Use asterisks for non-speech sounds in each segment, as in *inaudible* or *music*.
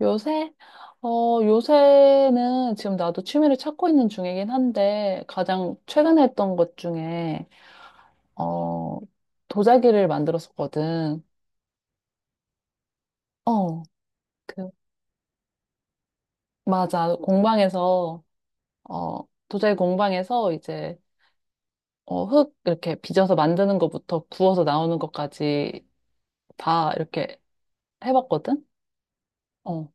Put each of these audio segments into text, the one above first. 요새? 요새는 지금 나도 취미를 찾고 있는 중이긴 한데, 가장 최근에 했던 것 중에, 어, 도자기를 만들었었거든. 어, 그, 맞아. 공방에서, 어, 도자기 공방에서 이제, 흙 이렇게 빚어서 만드는 것부터 구워서 나오는 것까지 다 이렇게 해봤거든? 어,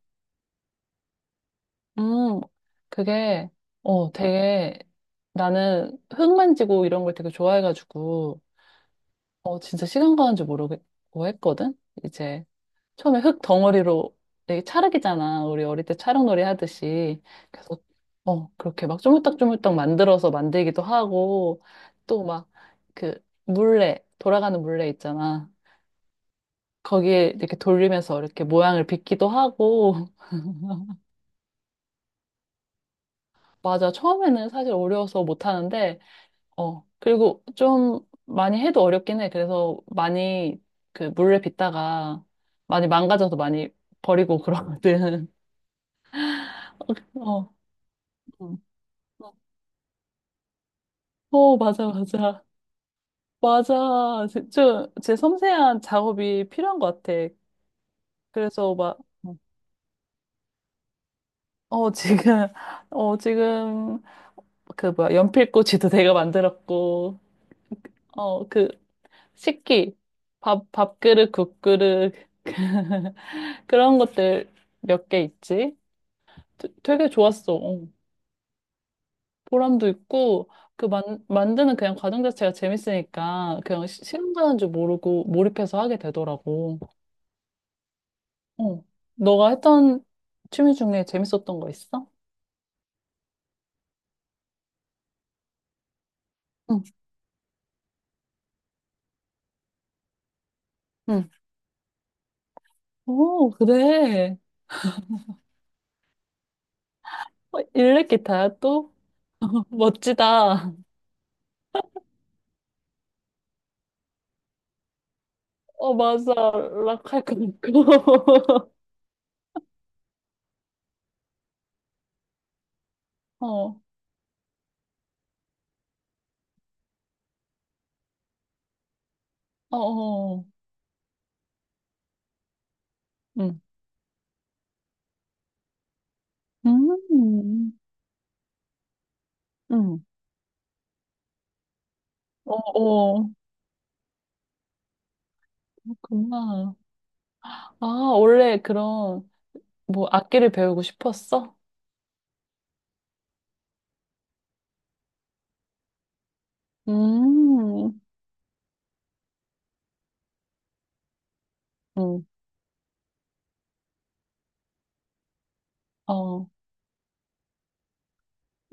음, 그게, 되게, 나는 흙 만지고 이런 걸 되게 좋아해가지고, 진짜 시간 가는 줄 모르고 했거든? 이제 처음에 흙 덩어리로 되게 찰흙이잖아. 우리 어릴 때 찰흙놀이 하듯이. 그래서, 그렇게 막 조물딱조물딱 만들어서 만들기도 하고, 또 막 그 물레, 돌아가는 물레 있잖아. 거기에 이렇게 돌리면서 이렇게 모양을 빚기도 하고, *laughs* 맞아. 처음에는 사실 어려워서 못 하는데, 그리고 좀 많이 해도 어렵긴 해. 그래서 많이 그 물을 빚다가 많이 망가져서 많이 버리고 그러거든. *laughs* 어. 음. 맞아, 맞아. 맞아. 진짜 제 섬세한 작업이 필요한 것 같아. 그래서 막, 음. 어, 지금, *laughs* 지금, 그 뭐야, 연필꽂이도 내가 만들었고, 어, 그, 식기, 밥그릇, 국그릇, *laughs* 그런 것들 몇 개 있지. 되게 좋았어. 어. 보람도 있고, 그 만, 만드는 그냥 과정 자체가 재밌으니까, 그냥 시간 가는 줄 모르고 몰입해서 하게 되더라고. 어. 너가 했던 취미 중에 재밌었던 거 있어? 응, 응. 오, 그래. 어, 일렉 기타야, 또? *laughs* 멋지다. 어, 맞아. 락할 거 같고. *laughs* 어, 어, 어. 응. 음, 응. 어, 어. 그렇구나. 아, 원래 그런 뭐 악기를 배우고 싶었어? 음, 응. 어,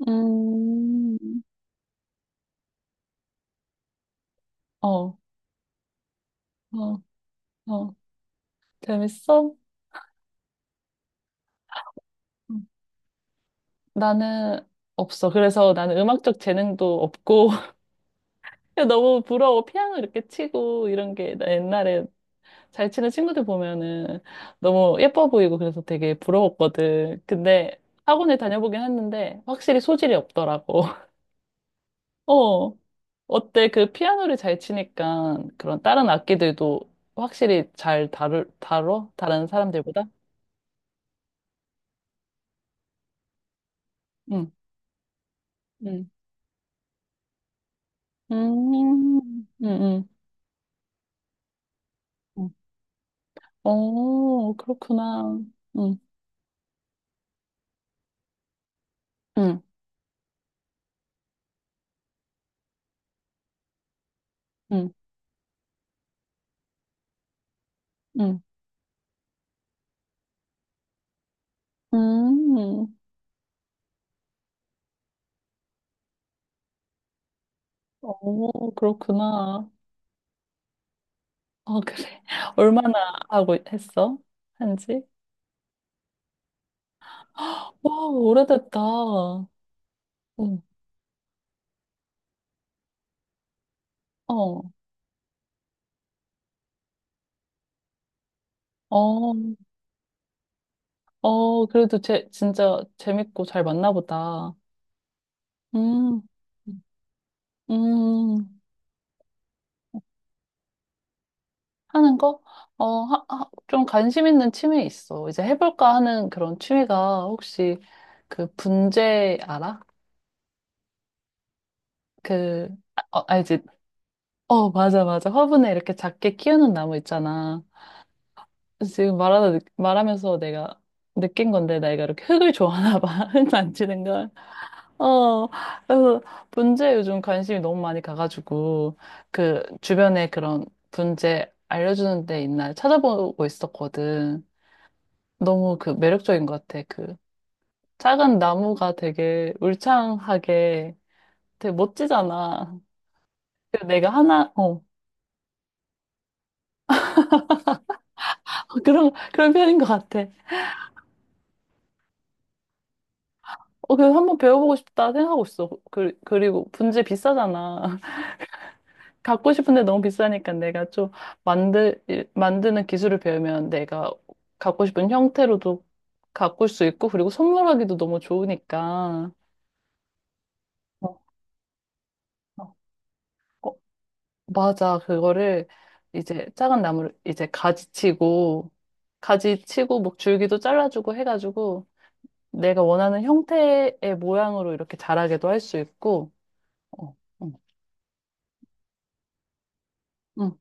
음, 어, 어, 어. 재밌어? 음. 나는 없어. 그래서 나는 음악적 재능도 없고 *laughs* 그냥 너무 부러워. 피아노 이렇게 치고 이런 게나 옛날에 잘 치는 친구들 보면은 너무 예뻐 보이고 그래서 되게 부러웠거든. 근데 학원에 다녀보긴 했는데 확실히 소질이 없더라고. *laughs* 어. 어때? 그 피아노를 잘 치니까 그런 다른 악기들도 확실히 잘 다루 다뤄? 다른 사람들보다? 응, 응, 음, 응, 응. 응. 어, 그렇구나. 응, 응, 응, 응, 음, 어, 그렇구나. 어, 그래. *laughs* 얼마나 하고 했어? 한지? 와, 오래됐다. 응, 어, 어, 어, 그래도 진짜 재밌고 잘 맞나 보다. 음. 음, 하는 거? 어, 좀 관심 있는 취미 있어. 이제 해볼까 하는 그런 취미가 혹시 그 분재 알아? 그, 아, 어, 알지? 어, 맞아, 맞아. 화분에 이렇게 작게 키우는 나무 있잖아. 말하면서 내가 느낀 건데, 내가 이렇게 흙을 좋아하나 봐. *laughs* 흙 만지는 걸. 어, 그래서 분재 요즘 관심이 너무 많이 가가지고, 그 주변에 그런 분재 알려주는 데 있나 찾아보고 있었거든. 너무 그 매력적인 것 같아. 그 작은 나무가 되게 울창하게 되게 멋지잖아. 그래서 내가 하나, 어, *laughs* 그런, 그런 편인 것 같아. 어, 그래서 한번 배워보고 싶다 생각하고 있어. 그, 그리고 분재 비싸잖아. *laughs* 갖고 싶은데 너무 비싸니까 내가 좀 만드는 기술을 배우면 내가 갖고 싶은 형태로도 가꿀 수 있고, 그리고 선물하기도 너무 좋으니까. 어, 어. 맞아. 그거를 이제 작은 나무를 이제 가지치고, 가지치고, 뭐 줄기도 잘라주고 해가지고, 내가 원하는 형태의 모양으로 이렇게 자라게도 할 수 있고, 어, 응, 응.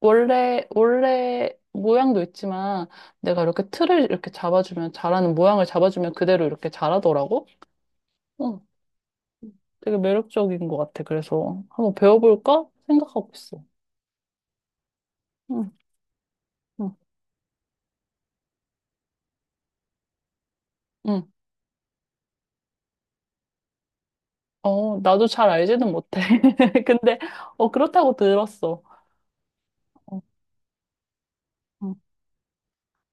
원래 모양도 있지만, 내가 이렇게 틀을 이렇게 잡아주면, 자라는 모양을 잡아주면 그대로 이렇게 자라더라고? 응, 되게 매력적인 것 같아. 그래서 한번 배워볼까? 생각하고 있어. 응, 응, 응. 어, 나도 잘 알지는 못해. *laughs* 근데, 어, 그렇다고 들었어. 어, 어,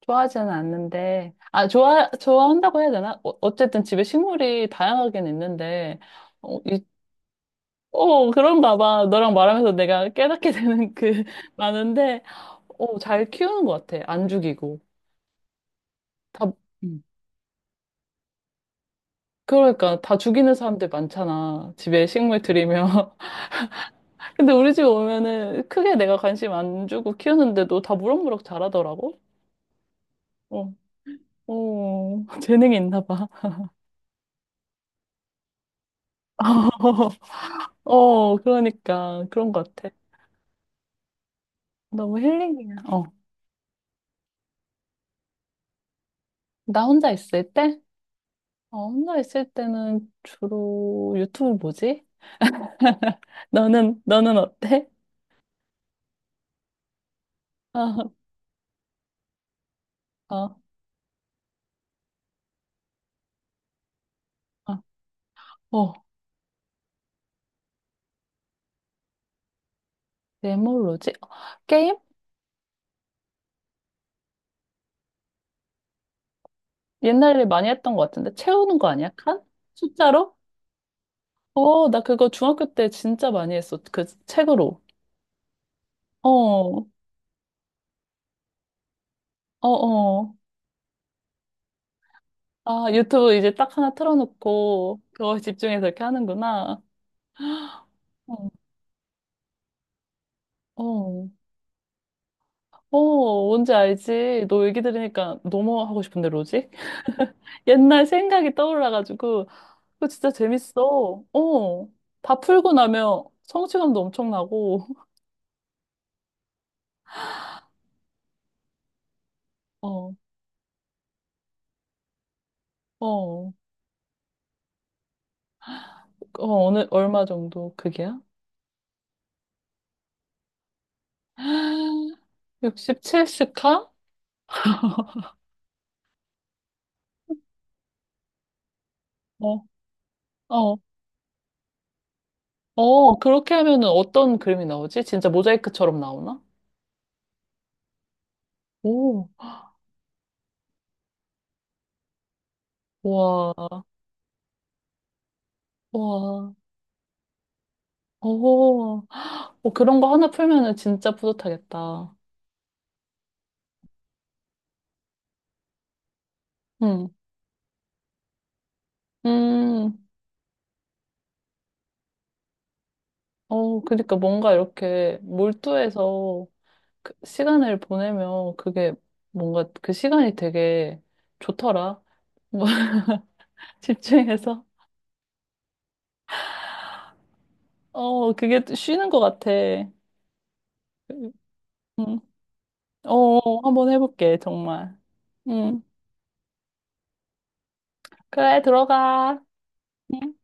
좋아하지는 않는데, 좋아한다고 해야 되나? 어, 어쨌든 집에 식물이 다양하긴 있는데, 어, 이, 어, 그런가 봐. 너랑 말하면서 내가 깨닫게 되는 그, *laughs* 많은데, 어, 잘 키우는 것 같아. 안 죽이고. 다, 음. 그러니까, 다 죽이는 사람들 많잖아. 집에 식물 들이면. *laughs* 근데 우리 집 오면은 크게 내가 관심 안 주고 키우는데도 다 무럭무럭 자라더라고. 어. 어, *laughs* 재능이 있나 봐. *laughs* 어, 그러니까 그런 것 같아. 너무 힐링이야. 어, 나 혼자 있을 때? 어, 혼자 있을 때는 주로 유튜브 보지? 너는 어때? *laughs* 어, 어, 어, 어, 내 뭘로지? 어, 게임? 옛날에 많이 했던 것 같은데. 채우는 거 아니야? 칸? 숫자로? 어, 나 그거 중학교 때 진짜 많이 했어. 그 책으로. 어, 어, 어. 아, 유튜브 이제 딱 하나 틀어놓고 그거 집중해서 이렇게 하는구나. 어, 어, 어, 뭔지 알지? 너 얘기 들으니까 너무 하고 싶은데, 로직? *laughs* 옛날 생각이 떠올라가지고 그거 진짜 재밌어. 어, 다 풀고 나면 성취감도 엄청나고. *laughs* 어, 어, 어, 어느 얼마 정도 그게야? *gasps* 67스카? 어, 어, 어, 그렇게 하면은 어떤 그림이 나오지? 진짜 모자이크처럼 나오나? 오, 와. 와, 오, 어, 그런 거 하나 풀면은 진짜 뿌듯하겠다. 응, 음, 어, 그러니까 뭔가 이렇게 몰두해서 그 시간을 보내면 그게 뭔가 그 시간이 되게 좋더라. 뭐, *laughs* 집중해서. 어, 그게 또 쉬는 것 같아. 응, 어, 한번 해볼게, 정말. 응, 그래, 들어가. 음.